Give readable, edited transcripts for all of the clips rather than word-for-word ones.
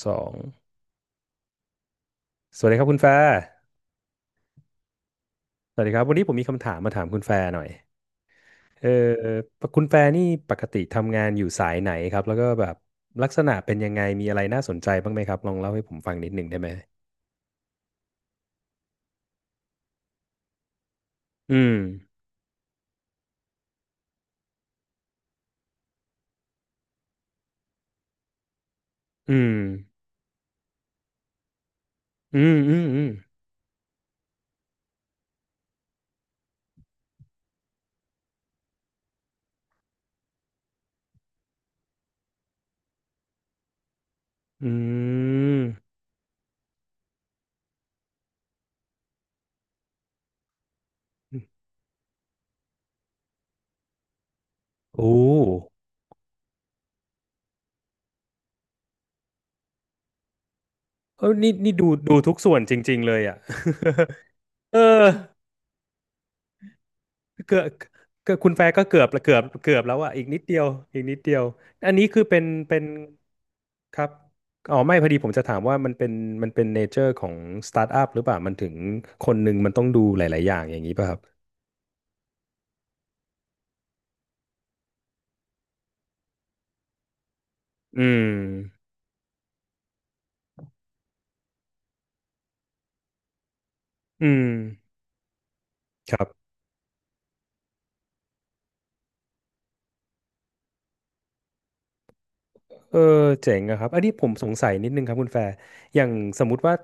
สอง สวัสดีครับคุณแฟร์สวัสดีครับวันนี้ผมมีคำถามมาถามคุณแฟร์หน่อยเออคุณแฟร์นี่ปกติทำงานอยู่สายไหนครับแล้วก็แบบลักษณะเป็นยังไง มีอะไรน่าสนใจบ้างไหมครับลองเล่าให้ผมฟังนิดหนึ่งได้ไหมอืม อืม อืม อืมอืมอืมโอ้เออนี่นี่ดูดูทุกส่วนจริงๆเลยอ่ะ เออ เกือบเกือบคุณแฟร์ก็เกือบละเกือบเกือบแล้วอ่ะอีกนิดเดียวอีกนิดเดียวอันนี้คือเป็นครับอ๋อไม่พอดีผมจะถามว่ามันเป็นเนเจอร์ของสตาร์ทอัพหรือเปล่ามันถึงคนหนึ่งมันต้องดูหลาย ๆ อย่างอย่างนี้ป่ะครับอืมอืมครับ เออเจ๋งอะครับอันนี้ผมสงสัยนิดนึงครับคุณแฟร์อย่างสมมุติว่า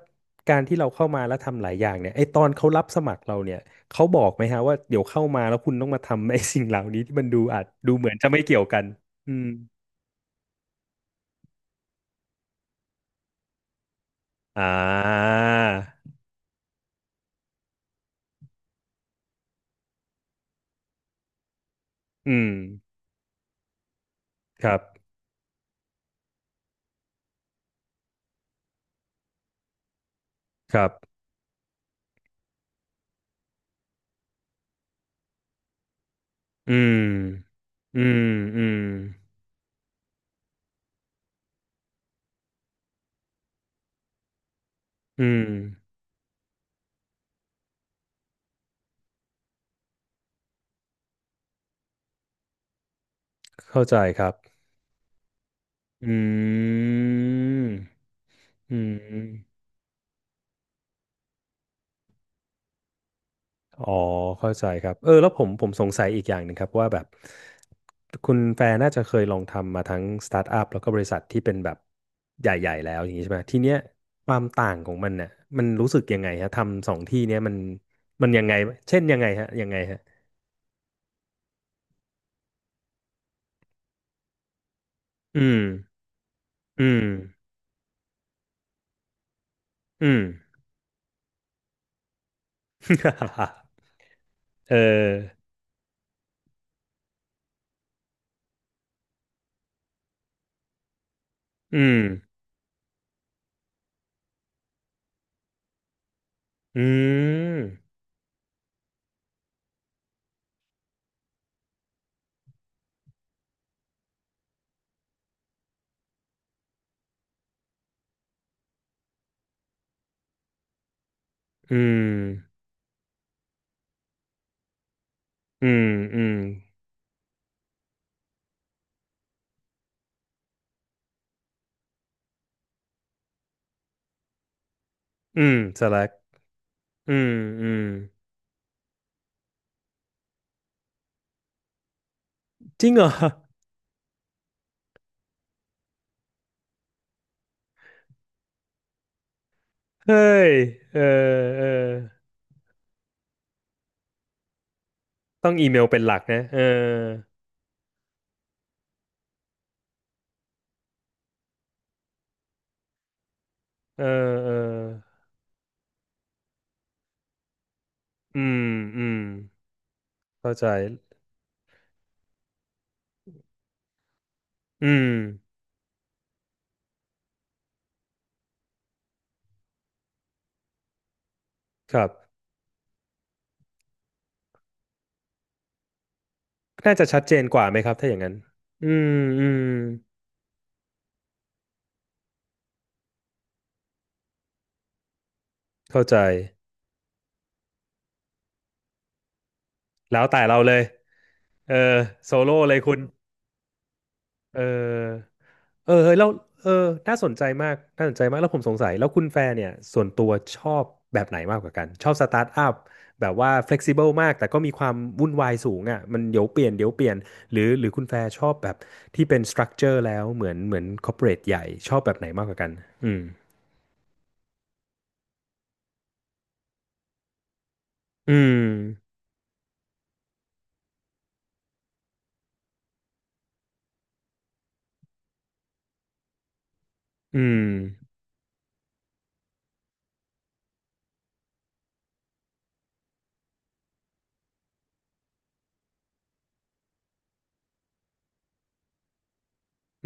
การที่เราเข้ามาแล้วทำหลายอย่างเนี่ยไอตอนเขารับสมัครเราเนี่ยเขาบอกไหมฮะว่าเดี๋ยวเข้ามาแล้วคุณต้องมาทำไอสิ่งเหล่านี้ที่มันดูอาจดูเหมือนจะไม่เกี่ยวกันอืมอ่าอืมครับครับอืมอืมอืมอืมเข้าใจครับอืมอืม อ๋อเข้าใจครับเออแล้วผมสงสัยอีกอย่างหนึ่งครับว่าแบบคุณแฟนน่าจะเคยลองทำมาทั้งสตาร์ทอัพแล้วก็บริษัทที่เป็นแบบใหญ่ๆแล้วอย่างนี้ใช่ไหมทีเนี้ยความต่างของมันเนี่ยมันรู้สึกยังไงฮะทำสองที่เนี้ยมันมันยังไงเช่นยังไงฮะยังไงฮะอืมอืมอืม เอออืมอืมอืมอืมอืมอืมสลักอืมอืมจริงเหรอ เฮ้ย เออเออต้องอีเมลเป็นหลักนะเออเออเอออืม อืม เข้าใจ อืม ครับ น่าจะชัดเจนกว่าไหมครับถ้าอย่างนั้น อืม อืม เข้าใจ แล้วแต่เราเลย เออโซโล่เลยคุณ เออ เออเออแล้วเออน่าสนใจมากน่าสนใจมากแล้วผมสงสัยแล้วคุณแฟร์เนี่ยส่วนตัวชอบแบบไหนมากกว่ากันชอบสตาร์ทอัพแบบว่า flexible มากแต่ก็มีความวุ่นวายสูงอ่ะมันเดี๋ยวเปลี่ยนเดี๋ยวเปลี่ยนหรือหรือคุณแฟร์ชอบแบบที่เป็น structure แล้วเหมือนเหมือน corporate ใหญ่ชอบแบบไหนมากกว่ากันอืมอืมอืม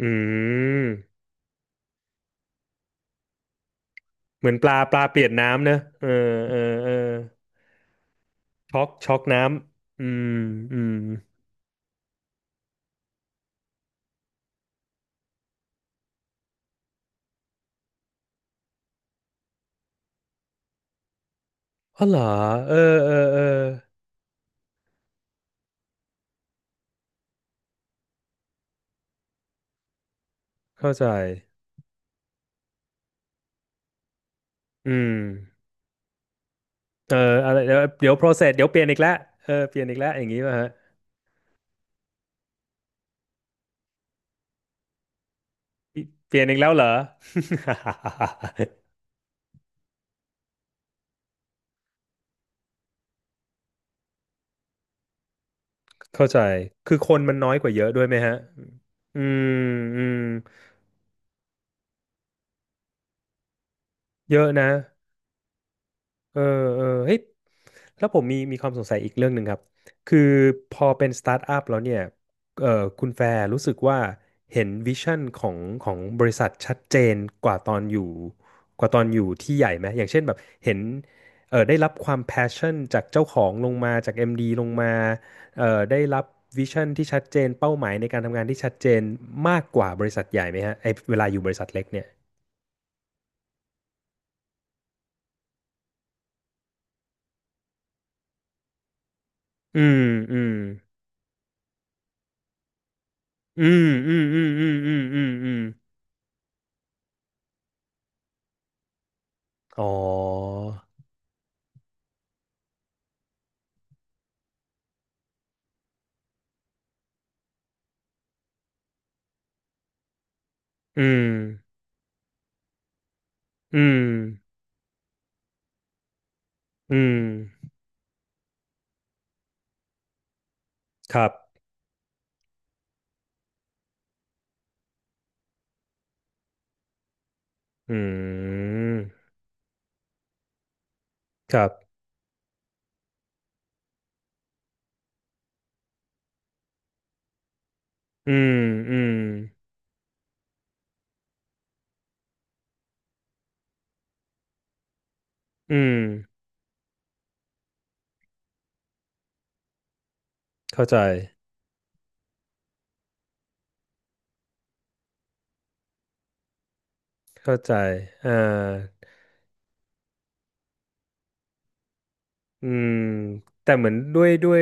อืมเหมือนปลาปลาเปลี่ยนน้ำเนอะเออเออเออช็อกช็อกน้ำอืมอืมอ๋อเหรอเออเออเออเข้าใจ อืมเอออะไรเดี๋ยวเดี๋ยว process เดี๋ยวเปลี่ยนอีกแล้วเออเปลี่ยนอีกแล้วอย่างนี้ป่ะฮะ เปลี่ยนอีกแล้วเหรอ เข้าใจ คือคนมันน้อยกว่าเยอะด้วยไหมฮะอืมอืม เยอะนะ เออเออเฮ้ยแล้วผมมีความสงสัยอีกเรื่องหนึ่งครับคือพอเป็นสตาร์ทอัพแล้วเนี่ยเออคุณแฟร์รู้สึกว่าเห็นวิชั่นของของบริษัทชัดเจนกว่าตอนอยู่กว่าตอนอยู่ที่ใหญ่ไหมอย่างเช่นแบบเห็นเออได้รับความแพชชั่นจากเจ้าของลงมาจาก MD ลงมาเออได้รับวิชั่นที่ชัดเจนเป้าหมายในการทำงานที่ชัดเจนมากกว่าบริษัทใหญ่ไหมฮะไอเวลาอยู่บริษัทเล็กเนี่ยอืมอืมอืมอืมอืมอืมอืมอืม อ๋ออืมอืมอืมครับอืมครับอืมอืมอืมเข้าใจเข้าใจอ่าอืมแต่เหมือนด้วย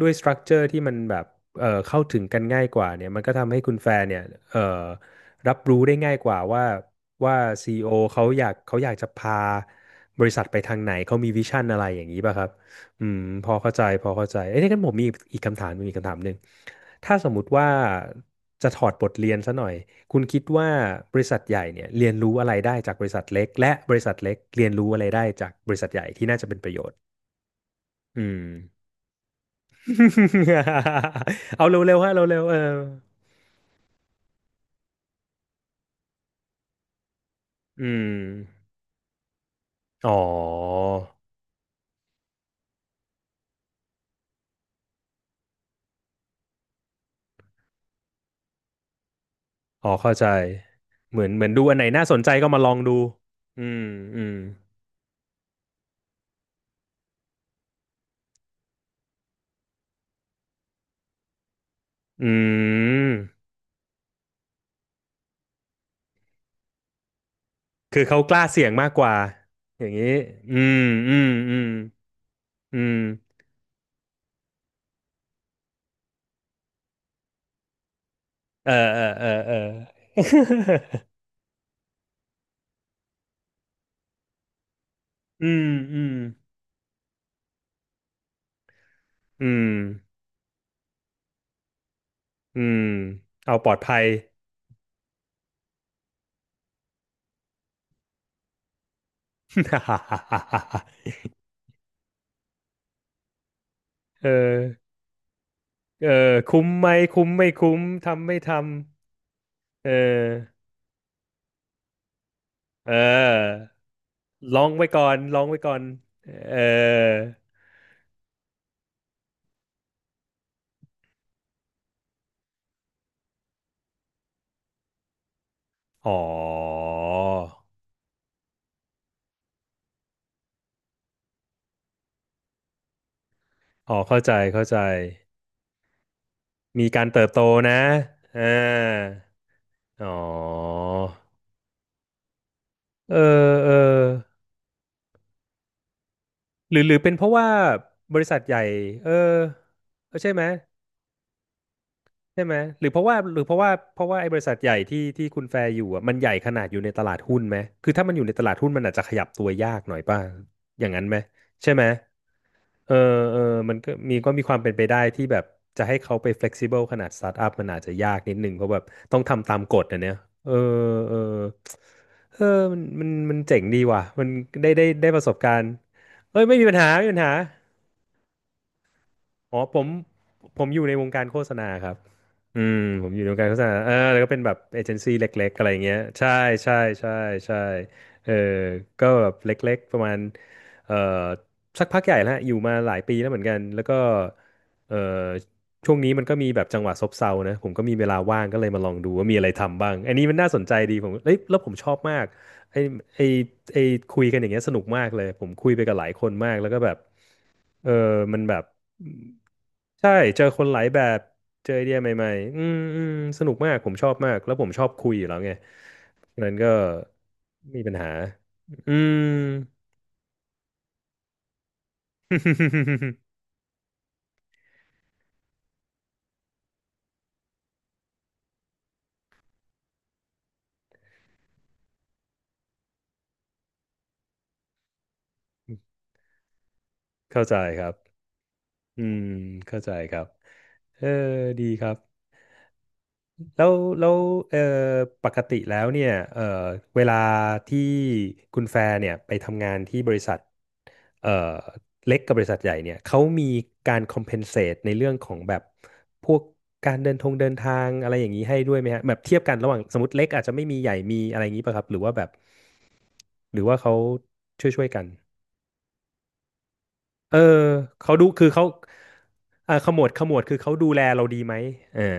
ด้วยสตรัคเจอร์ที่มันแบบเข้าถึงกันง่ายกว่าเนี่ยมันก็ทำให้คุณแฟร์เนี่ยเอ่อรับรู้ได้ง่ายกว่าว่าว่าซีอีโอเขาอยากเขาอยากจะพาบริษัทไปทางไหน เขามีวิชั่นอะไรอย่างนี้ป่ะครับ อืมพอเข้าใจพอเข้าใจเอ้ยงั้นผมมีอีกคำถามมีอีกคำถามหนึ่งถ้าสมมุติว่าจะถอดบทเรียนซะหน่อยคุณคิดว่าบริษัทใหญ่เนี่ยเรียนรู้อะไรได้จากบริษัทเล็กและบริษัทเล็กเรียนรู้อะไรได้จากบริษัทใหญ่ที่น่าจะเป็นประโยชน์อืม เอาเร็วๆฮะเร็วๆเอออืมอ๋ออ๋อเข้าใจเหมือนเหมือนดูอันไหนน่าสนใจก็มาลองดูอืมอืมอืม คือเขากล้าเสี่ยงมากกว่าอย่างนี้อืมอืมอืมอืมเออเออเออเออ อืมอืมอืมอืมเอาปลอดภัย เออเออคุ้มไหมคุ้มไม่คุ้มทำไม่ทำเออเออลองไว้ก่อนลองไว้ก่อนเอออ๋ออ๋อเข้าใจเข้าใจมีการเติบโตนะอ่า อ๋อ เออ เออหรือหรือเป็นเพราะว่าบริษัทใหญ่ เออเออใช่ไหม ใช่ไหมหรือเพราะว่าหรือเพราะว่าเพราะว่าไอ้บริษัทใหญ่ที่คุณแฟร์อยู่อ่ะมันใหญ่ขนาดอยู่ในตลาดหุ้นไหมคือถ้ามันอยู่ในตลาดหุ้นมันอาจจะขยับตัวยากหน่อยป่ะอย่างนั้นไหมใช่ไหมเออเออมันก็มีความเป็นไปได้ที่แบบจะให้เขาไป flexible ขนาดสตาร์ทอัพมันอาจจะยากนิดนึงเพราะแบบต้องทำตามกฎอ่ะเนี่ยเออเออเออมันเจ๋งดีว่ะมันได้ประสบการณ์เอ้ยไม่มีปัญหาไม่มีปัญหา อ๋อผมอยู่ในวงการโฆษณาครับอืมผมอยู่ในวงการโฆษณาเออแล้วก็เป็นแบบเอเจนซี่เล็กๆอะไรอย่างเงี้ยใช่ใช่ใช่ใช่เออก็แบบเล็กๆประมาณเอ่อสักพักใหญ่แล้วฮะอยู่มาหลายปีแล้วเหมือนกันแล้วก็เอ่อช่วงนี้มันก็มีแบบจังหวะซบเซานะผมก็มีเวลาว่างก็เลยมาลองดูว่ามีอะไรทำบ้างอันนี้มันน่าสนใจดีผมเอ้ยแล้วผมชอบมากไอ้ไอ้ไอ้คุยกันอย่างเงี้ยสนุกมากเลยผมคุยไปกับหลายคนมากแล้วก็แบบ เออ มันแบบใช่เจอคนหลายแบบเจอไอเดียใหม่ๆอืมอืมสนุกมากผมชอบมากแล้วผมชอบคุยอยู่แล้วไงฉะนั้นก็ไมมีปัญหาอืม เข้าใจครับอืมเข้าใจครับเออดีครับ แล้วแล้วเอ่อปกติแล้วเนี่ยเวลาที่คุณแฟร์เนี่ยไปทำงานที่บริษัทเอ่อเล็กกับบริษัทใหญ่เนี่ยเขามีการ compensate ในเรื่องของแบบพวกการเดินทงเดินทางอะไรอย่างนี้ให้ด้วยไหมฮะแบบเทียบกันระหว่างสมมติเล็กอาจจะไม่มีใหญ่มีอะไรอย่างนี้ป่ะครับหรือว่าแบบหรือว่าเขาช่วยกันเออเขาดูคือเขาอ่าขมวดคือเขาดูแลเราดีไหมเออ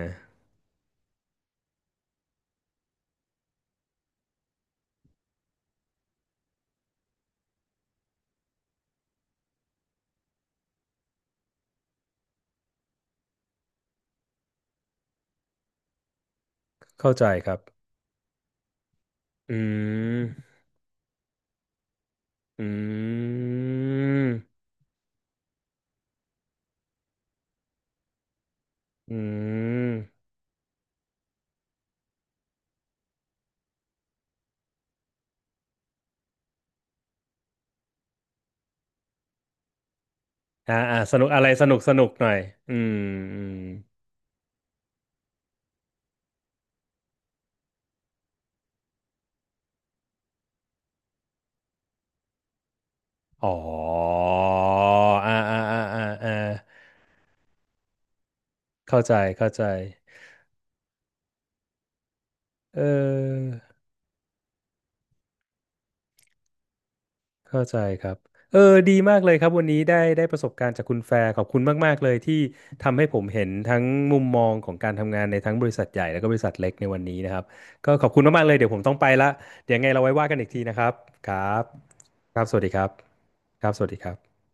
เข้าใจครับอืม อืมอืมอ่าอ่าสนุกอะไรสนุกสนุกหน่อยอืมอืมอ๋ออ่าอ่าอ่าอ่าอ่าเข้าใจเข้าใจเออเข้าใจครับเออดีมากเลยครับวันนี้ได้ประสบการณ์จากคุณแฟร์ขอบคุณมากๆเลยที่ทำให้ผมเห็นทั้งมุมมองของการทำงานในทั้งบริษัทใหญ่แล้วก็บริษัทเล็กในวันนี้นะครับก็ขอบคุณมากๆเลยเดี๋ยวผมต้องไปละเดี๋ยวไงเราไว้ว่ากันอีกทีนะครับครับครับสวัสดีครับครับสวัสดีครับ